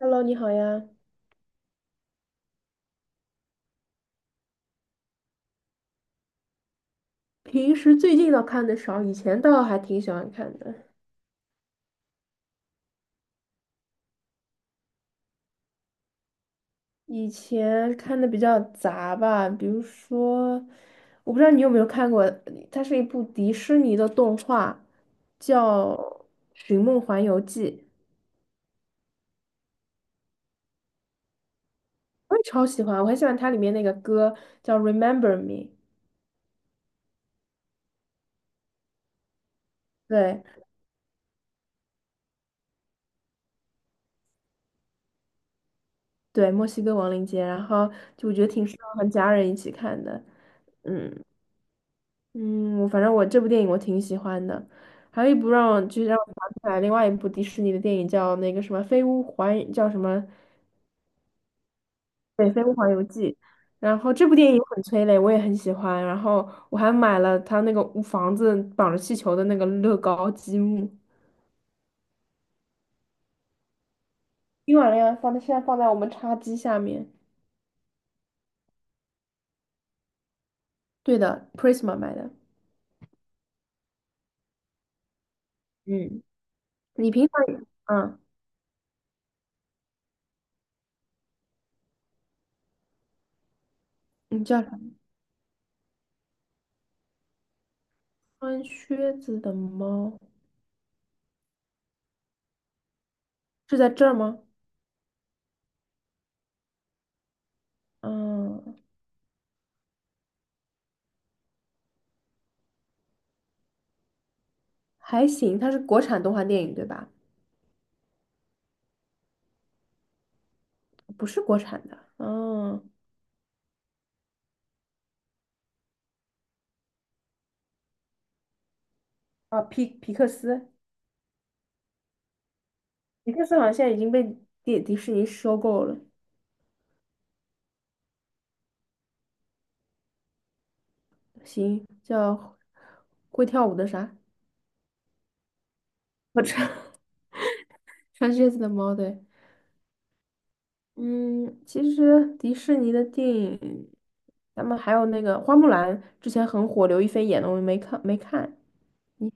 Hello,你好呀。平时最近倒看的少，以前倒还挺喜欢看的。以前看的比较杂吧，比如说，我不知道你有没有看过，它是一部迪士尼的动画，叫《寻梦环游记》。我也超喜欢，我很喜欢它里面那个歌叫《Remember Me》。对对，墨西哥亡灵节，然后我觉得挺适合和家人一起看的，嗯。嗯，我反正这部电影我挺喜欢的。还有一部让我想起来另外一部迪士尼的电影叫那个什么《飞屋环》叫什么。然后这部电影很催泪，我也很喜欢，然后我还买了他那个屋房子绑着气球的那个乐高积木，冰完了放在现在放在我们茶几下面。对的，Prisma 买的。嗯，你平常也嗯，你叫啥？穿靴子的猫是在这儿吗？嗯，还行，它是国产动画电影对吧？不是国产的，哦。啊，皮克斯，皮克斯好像现在已经被迪士尼收购了。行，叫会跳舞的啥？我穿 穿靴子的猫，对。嗯，其实迪士尼的电影，咱们还有那个花木兰之前很火，刘亦菲演的，我没看，你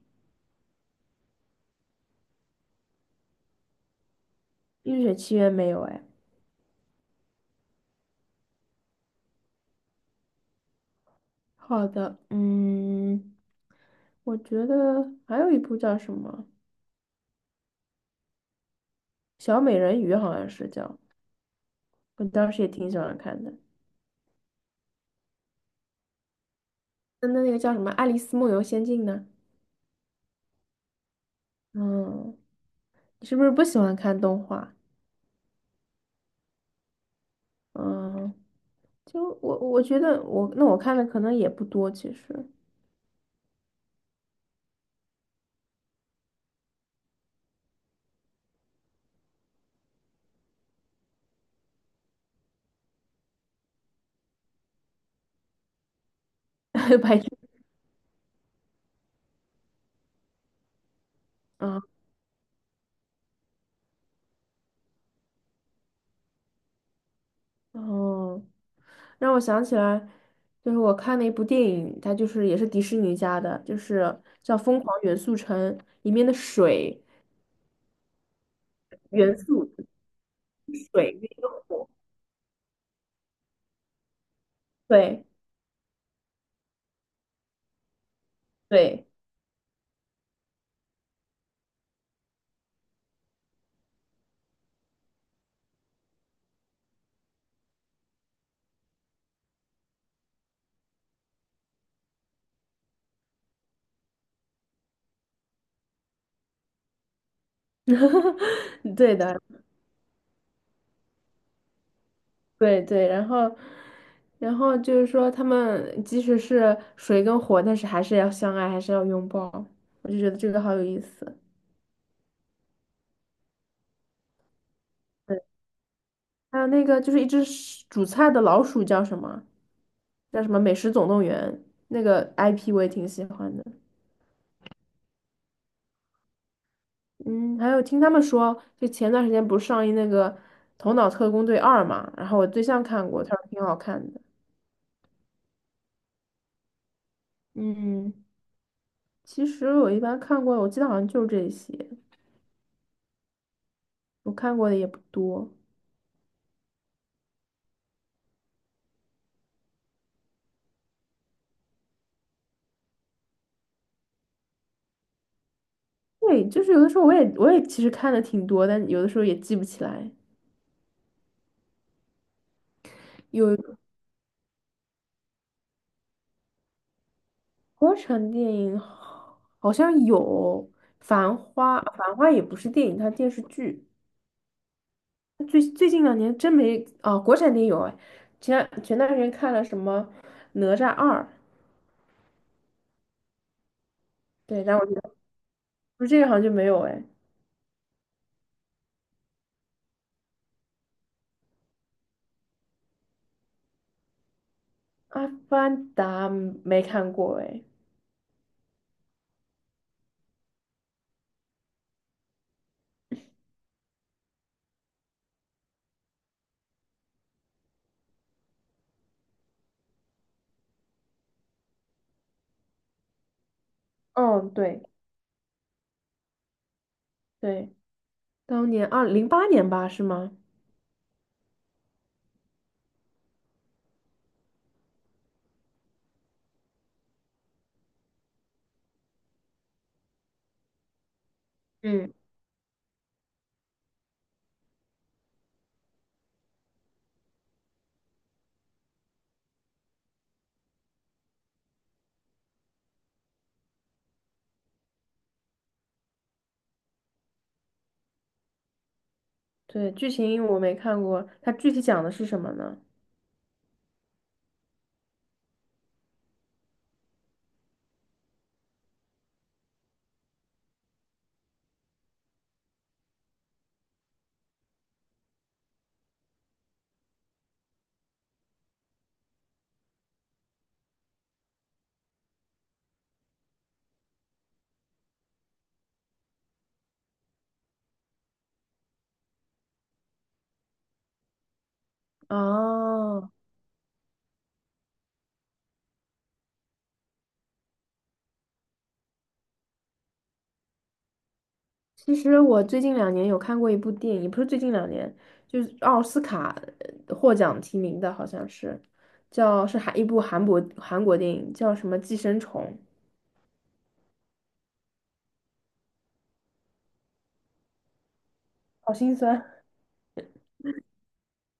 《冰雪奇缘》没有？哎，好的。嗯，我觉得还有一部叫什么《小美人鱼》，好像是叫，我当时也挺喜欢看的。那那个叫什么《爱丽丝梦游仙境》呢？嗯，你是不是不喜欢看动画？嗯，就我觉得我看的可能也不多，其实 白痴啊。哦，让我想起来，就是我看了一部电影，它就是也是迪士尼家的，就是叫《疯狂元素城》。里面的水元素水跟一个火，对对 对的。对，然后，然后就是说，他们即使是水跟火，但是还是要相爱，还是要拥抱。我就觉得这个好有意思。对，还有那个就是一只是煮菜的老鼠叫什么？叫什么《美食总动员》，那个 IP 我也挺喜欢的。嗯，还有听他们说，就前段时间不是上映那个《头脑特工队二》嘛，然后我对象看过，他说挺好看的。嗯，其实我一般看过，我记得好像就这些，我看过的也不多。对，就是有的时候我也其实看的挺多，但有的时候也记不起来。有，国产电影好，好像有《繁花》，《繁花》也不是电影，它电视剧。最最近两年真没啊、国产电影有哎，前段时间看了什么《哪吒二》。对，但我觉得不是这个好像就没有哎。《阿凡达》没看过哎。嗯，对对，当年2008年吧，是吗？嗯，对，剧情我没看过，它具体讲的是什么呢？哦，其实我最近两年有看过一部电影，不是最近两年，就是奥斯卡获奖提名的，好像是叫，是韩一部韩国电影，叫什么《寄生虫》，好心酸。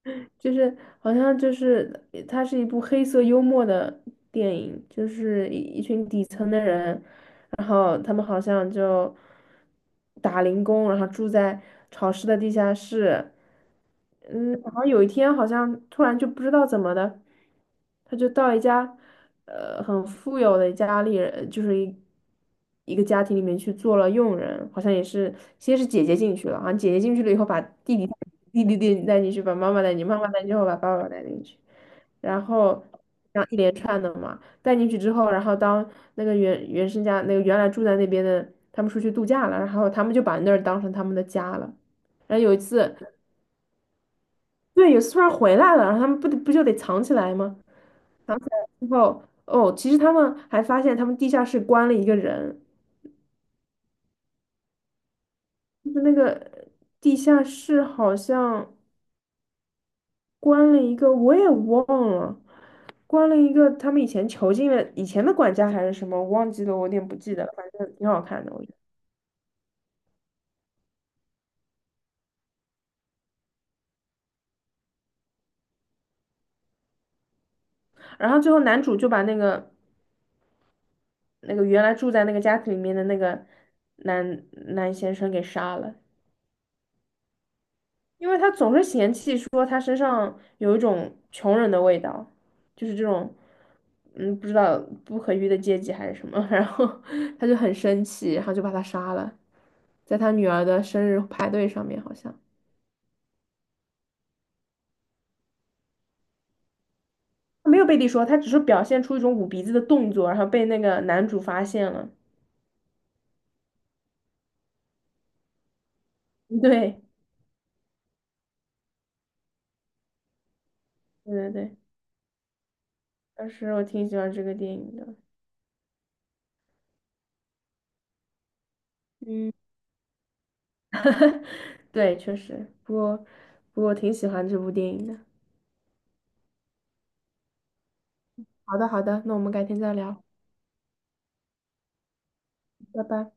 就是好像就是它是一部黑色幽默的电影，就是一群底层的人，然后他们好像就打零工，然后住在潮湿的地下室。嗯，然后有一天好像突然就不知道怎么的，他就到一家很富有的家里人，就是一个家庭里面去做了佣人。好像也是先是姐姐进去了，好像姐姐进去了以后把弟弟弟弟带进去，把妈妈带进去，妈妈带进去后把爸爸带进去，然后这样一连串的嘛。带进去之后，然后当那个原生家那个原来住在那边的他们出去度假了，然后他们就把那儿当成他们的家了。然后有一次，对，有一次突然回来了，然后他们不得不就得藏起来吗？藏起来之后，哦，其实他们还发现他们地下室关了一个人，就是那个地下室好像关了一个，我也忘了。关了一个他们以前囚禁的以前的管家还是什么，我忘记了，我有点不记得了，反正挺好看的，我觉得。然后最后男主就把那个那个原来住在那个家庭里面的那个男男先生给杀了，因为他总是嫌弃说他身上有一种穷人的味道，就是这种不知道不可遇的阶级还是什么，然后他就很生气，然后就把他杀了，在他女儿的生日派对上面好像。他没有背地说，他只是表现出一种捂鼻子的动作，然后被那个男主发现了。对，对对对，当时我挺喜欢这个电影的。嗯。对，确实，不过不过我挺喜欢这部电影的。好的，好的，那我们改天再聊，拜拜。